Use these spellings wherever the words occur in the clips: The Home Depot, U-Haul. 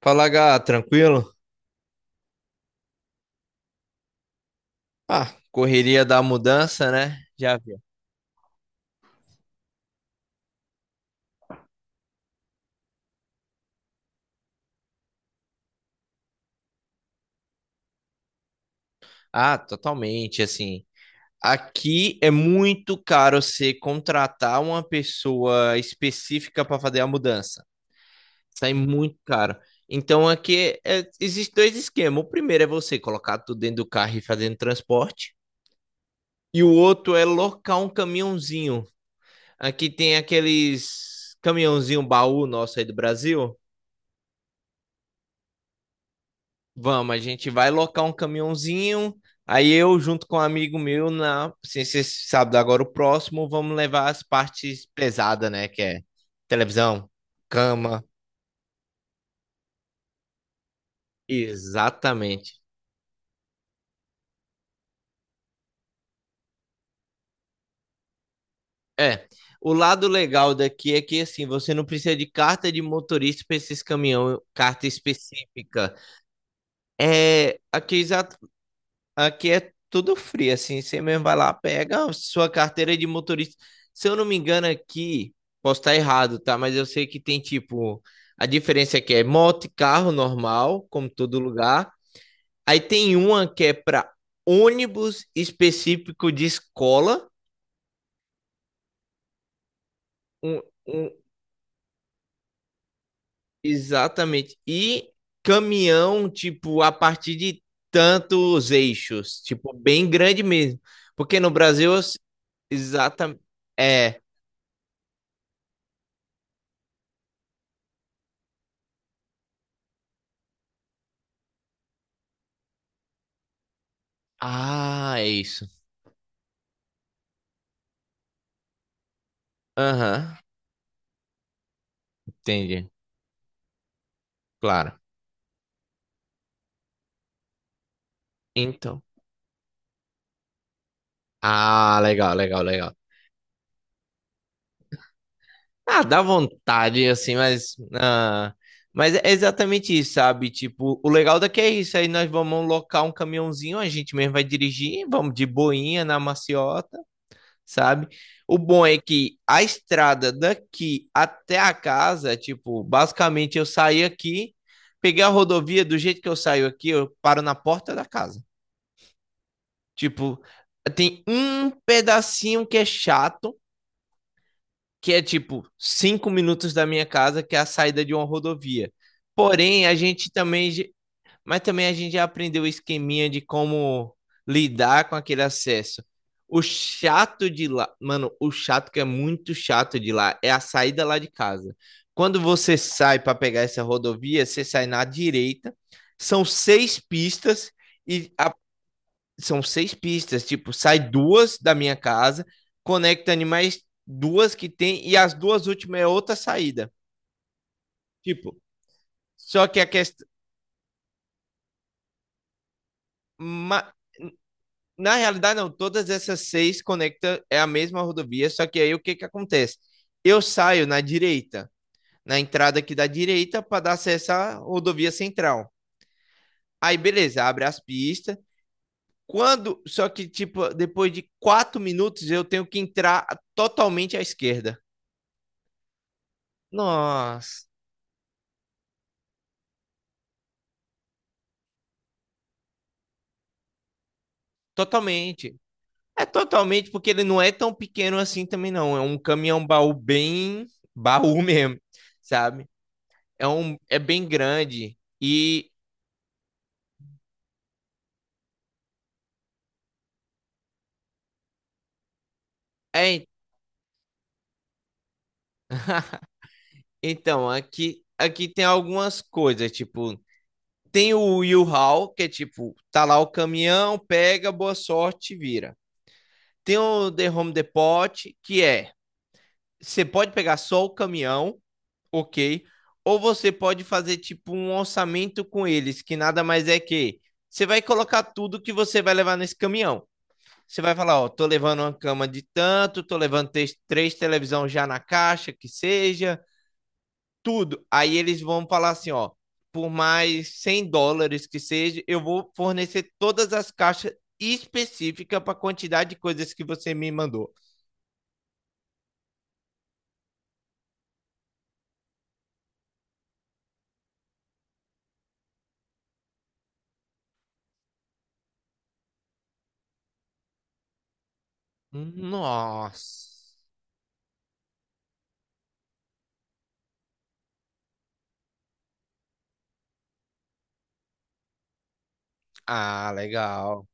Fala, Gá, tranquilo? Ah, correria da mudança, né? Já viu. Ah, totalmente, assim. Aqui é muito caro você contratar uma pessoa específica para fazer a mudança. Sai muito caro. Então aqui existem dois esquemas. O primeiro é você colocar tudo dentro do carro e fazendo transporte. E o outro é locar um caminhãozinho. Aqui tem aqueles caminhãozinho baú nosso aí do Brasil. Vamos, a gente vai locar um caminhãozinho. Aí eu, junto com um amigo meu, na ciência sábado agora o próximo, vamos levar as partes pesadas, né? Que é televisão, cama. Exatamente. É. O lado legal daqui é que assim, você não precisa de carta de motorista para esses caminhão, carta específica. É aqui at- Aqui é tudo frio, assim. Você mesmo vai lá, pega a sua carteira de motorista. Se eu não me engano aqui, posso estar errado, tá? Mas eu sei que tem tipo. A diferença aqui é moto e carro normal, como todo lugar. Aí tem uma que é para ônibus específico de escola. Um, um- Exatamente. E caminhão, tipo, a partir de tantos eixos. Tipo, bem grande mesmo. Porque no Brasil, eu- Exatamente. É. Ah, é isso. Aham, entendi. Claro. Então. Ah, legal, legal, legal. Ah, dá vontade, assim, mas é exatamente isso, sabe? Tipo, o legal daqui é isso. Aí nós vamos locar um caminhãozinho, a gente mesmo vai dirigir, vamos de boinha na maciota, sabe? O bom é que a estrada daqui até a casa, tipo, basicamente eu saí aqui, peguei a rodovia, do jeito que eu saio aqui, eu paro na porta da casa. Tipo, tem um pedacinho que é chato, que é tipo 5 minutos da minha casa, que é a saída de uma rodovia. Porém, a gente também, mas também a gente já aprendeu o esqueminha de como lidar com aquele acesso. O chato de lá, mano, o chato que é muito chato de lá é a saída lá de casa. Quando você sai para pegar essa rodovia, você sai na direita, são seis pistas e a tipo, sai duas da minha casa, conecta animais duas que tem, e as duas últimas é outra saída. Tipo, só que a questão. Na realidade, não, todas essas seis conectam, é a mesma rodovia, só que aí o que que acontece? Eu saio na direita, na entrada aqui da direita, para dar acesso à rodovia central. Aí, beleza, abre as pistas. Tipo, depois de 4 minutos, eu tenho que entrar totalmente à esquerda. Nossa. Totalmente. É totalmente porque ele não é tão pequeno assim também, não. É um caminhão baú bem baú mesmo, sabe? É bem grande e é então aqui tem algumas coisas, tipo, tem o U-Haul, que é tipo, tá lá o caminhão, pega, boa sorte, vira. Tem o The Home Depot, que é, você pode pegar só o caminhão ok. Ou você pode fazer tipo um orçamento com eles, que nada mais é que você vai colocar tudo que você vai levar nesse caminhão. Você vai falar, ó, tô levando uma cama de tanto, tô levando três televisão já na caixa, que seja, tudo. Aí eles vão falar assim, ó, por mais US$ 100 que seja, eu vou fornecer todas as caixas específicas para a quantidade de coisas que você me mandou. Nossa. Ah, legal.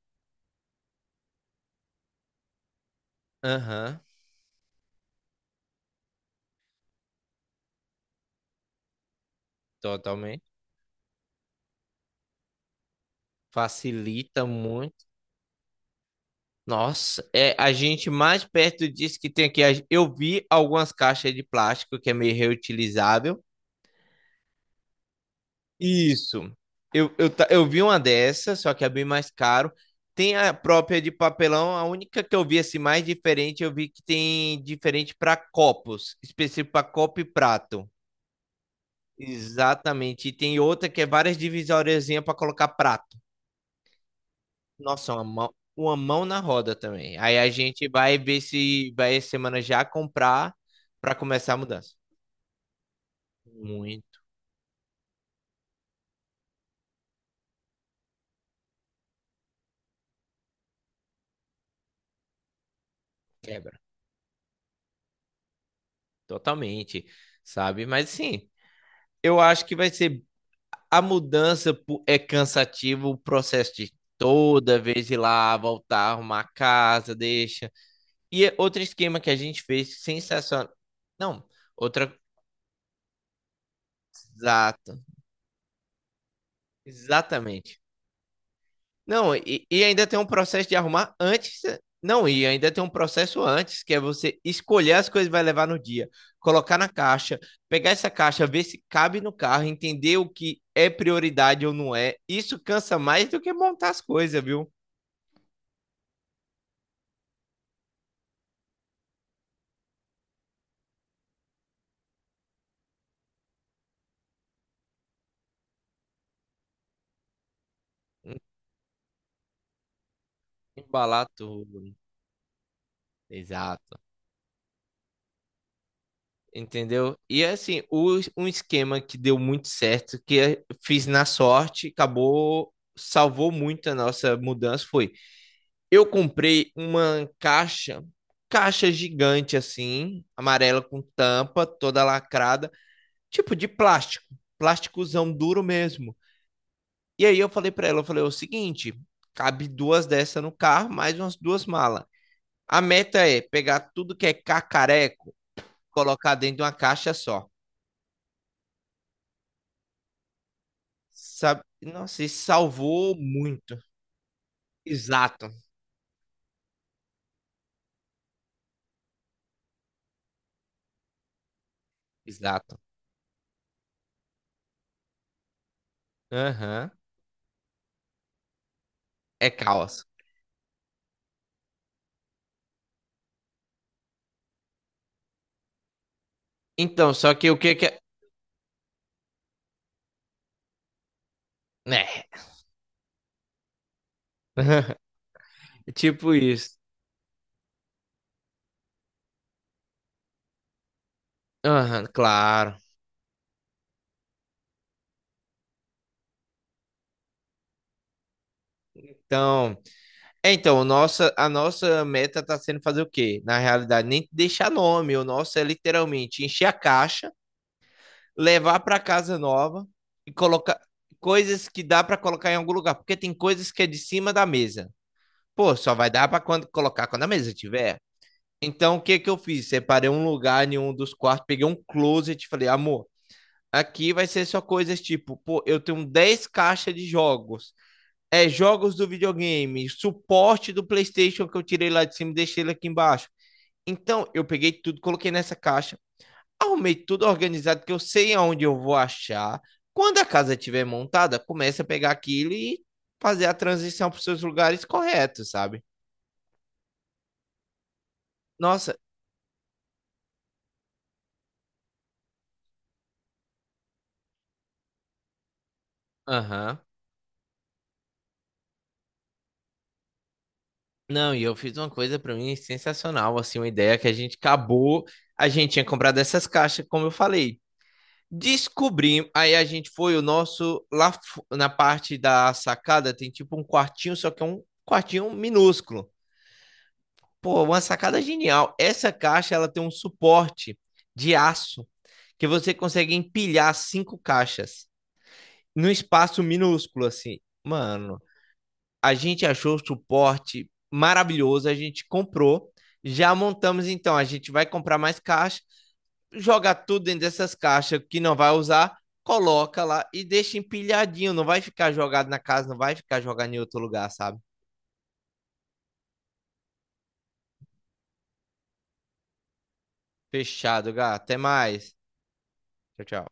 Aham, totalmente. Facilita muito. Nossa, é a gente mais perto disso que tem aqui. Eu vi algumas caixas de plástico que é meio reutilizável. Isso. Eu vi uma dessa, só que é bem mais caro. Tem a própria de papelão, a única que eu vi assim mais diferente, eu vi que tem diferente para copos, específico para copo e prato. Exatamente. E tem outra que é várias divisóriazinhas para colocar prato. Nossa, uma mão na roda também. Aí a gente vai ver se vai essa semana já comprar para começar a mudança. Muito quebra, totalmente, sabe? Mas sim, eu acho que vai ser a mudança é cansativo o processo de toda vez ir lá, voltar, arrumar a casa, deixa. E é outro esquema que a gente fez sensacional. Não, outra exato, exatamente. Não, e ainda tem um processo de arrumar antes. Não, e ainda tem um processo antes, que é você escolher as coisas que vai levar no dia, colocar na caixa, pegar essa caixa, ver se cabe no carro, entender o que é prioridade ou não é. Isso cansa mais do que montar as coisas, viu? Embalar tudo. Exato. Entendeu? E é assim, um esquema que deu muito certo, que eu fiz na sorte, acabou, salvou muito a nossa mudança, foi. Eu comprei uma caixa, caixa gigante assim, amarela com tampa, toda lacrada, tipo de plástico, plásticozão duro mesmo. E aí eu falei pra ela, eu falei o seguinte, cabe duas dessas no carro, mais umas duas malas. A meta é pegar tudo que é cacareco, colocar dentro de uma caixa só. Sabe? Nossa, isso salvou muito. Exato, exato. Aham. É caos. Então, só que o que que é, né? É tipo isso. Aham, claro. Então, nossa, a nossa meta tá sendo fazer o quê? Na realidade, nem deixar nome. O nosso é literalmente encher a caixa, levar para casa nova e colocar coisas que dá para colocar em algum lugar, porque tem coisas que é de cima da mesa. Pô, só vai dar para quando colocar quando a mesa tiver. Então, o que que eu fiz? Separei um lugar em um dos quartos, peguei um closet e falei, amor, aqui vai ser só coisas tipo, pô, eu tenho 10 caixas de jogos. É, jogos do videogame, suporte do PlayStation que eu tirei lá de cima e deixei ele aqui embaixo. Então, eu peguei tudo, coloquei nessa caixa, arrumei tudo organizado, que eu sei aonde eu vou achar. Quando a casa estiver montada, começa a pegar aquilo e fazer a transição para os seus lugares corretos, sabe? Nossa, aham. Não, e eu fiz uma coisa para mim sensacional, assim, uma ideia que a gente acabou, a gente tinha comprado essas caixas, como eu falei, descobrimos, aí a gente foi, o nosso, lá na parte da sacada tem tipo um quartinho, só que é um quartinho minúsculo. Pô, uma sacada genial. Essa caixa, ela tem um suporte de aço que você consegue empilhar cinco caixas num espaço minúsculo, assim. Mano, a gente achou o suporte maravilhoso, a gente comprou, já montamos então, a gente vai comprar mais caixa jogar tudo dentro dessas caixas que não vai usar, coloca lá e deixa empilhadinho. Não vai ficar jogado na casa, não vai ficar jogado em outro lugar, sabe? Fechado, gato. Até mais. Tchau, tchau.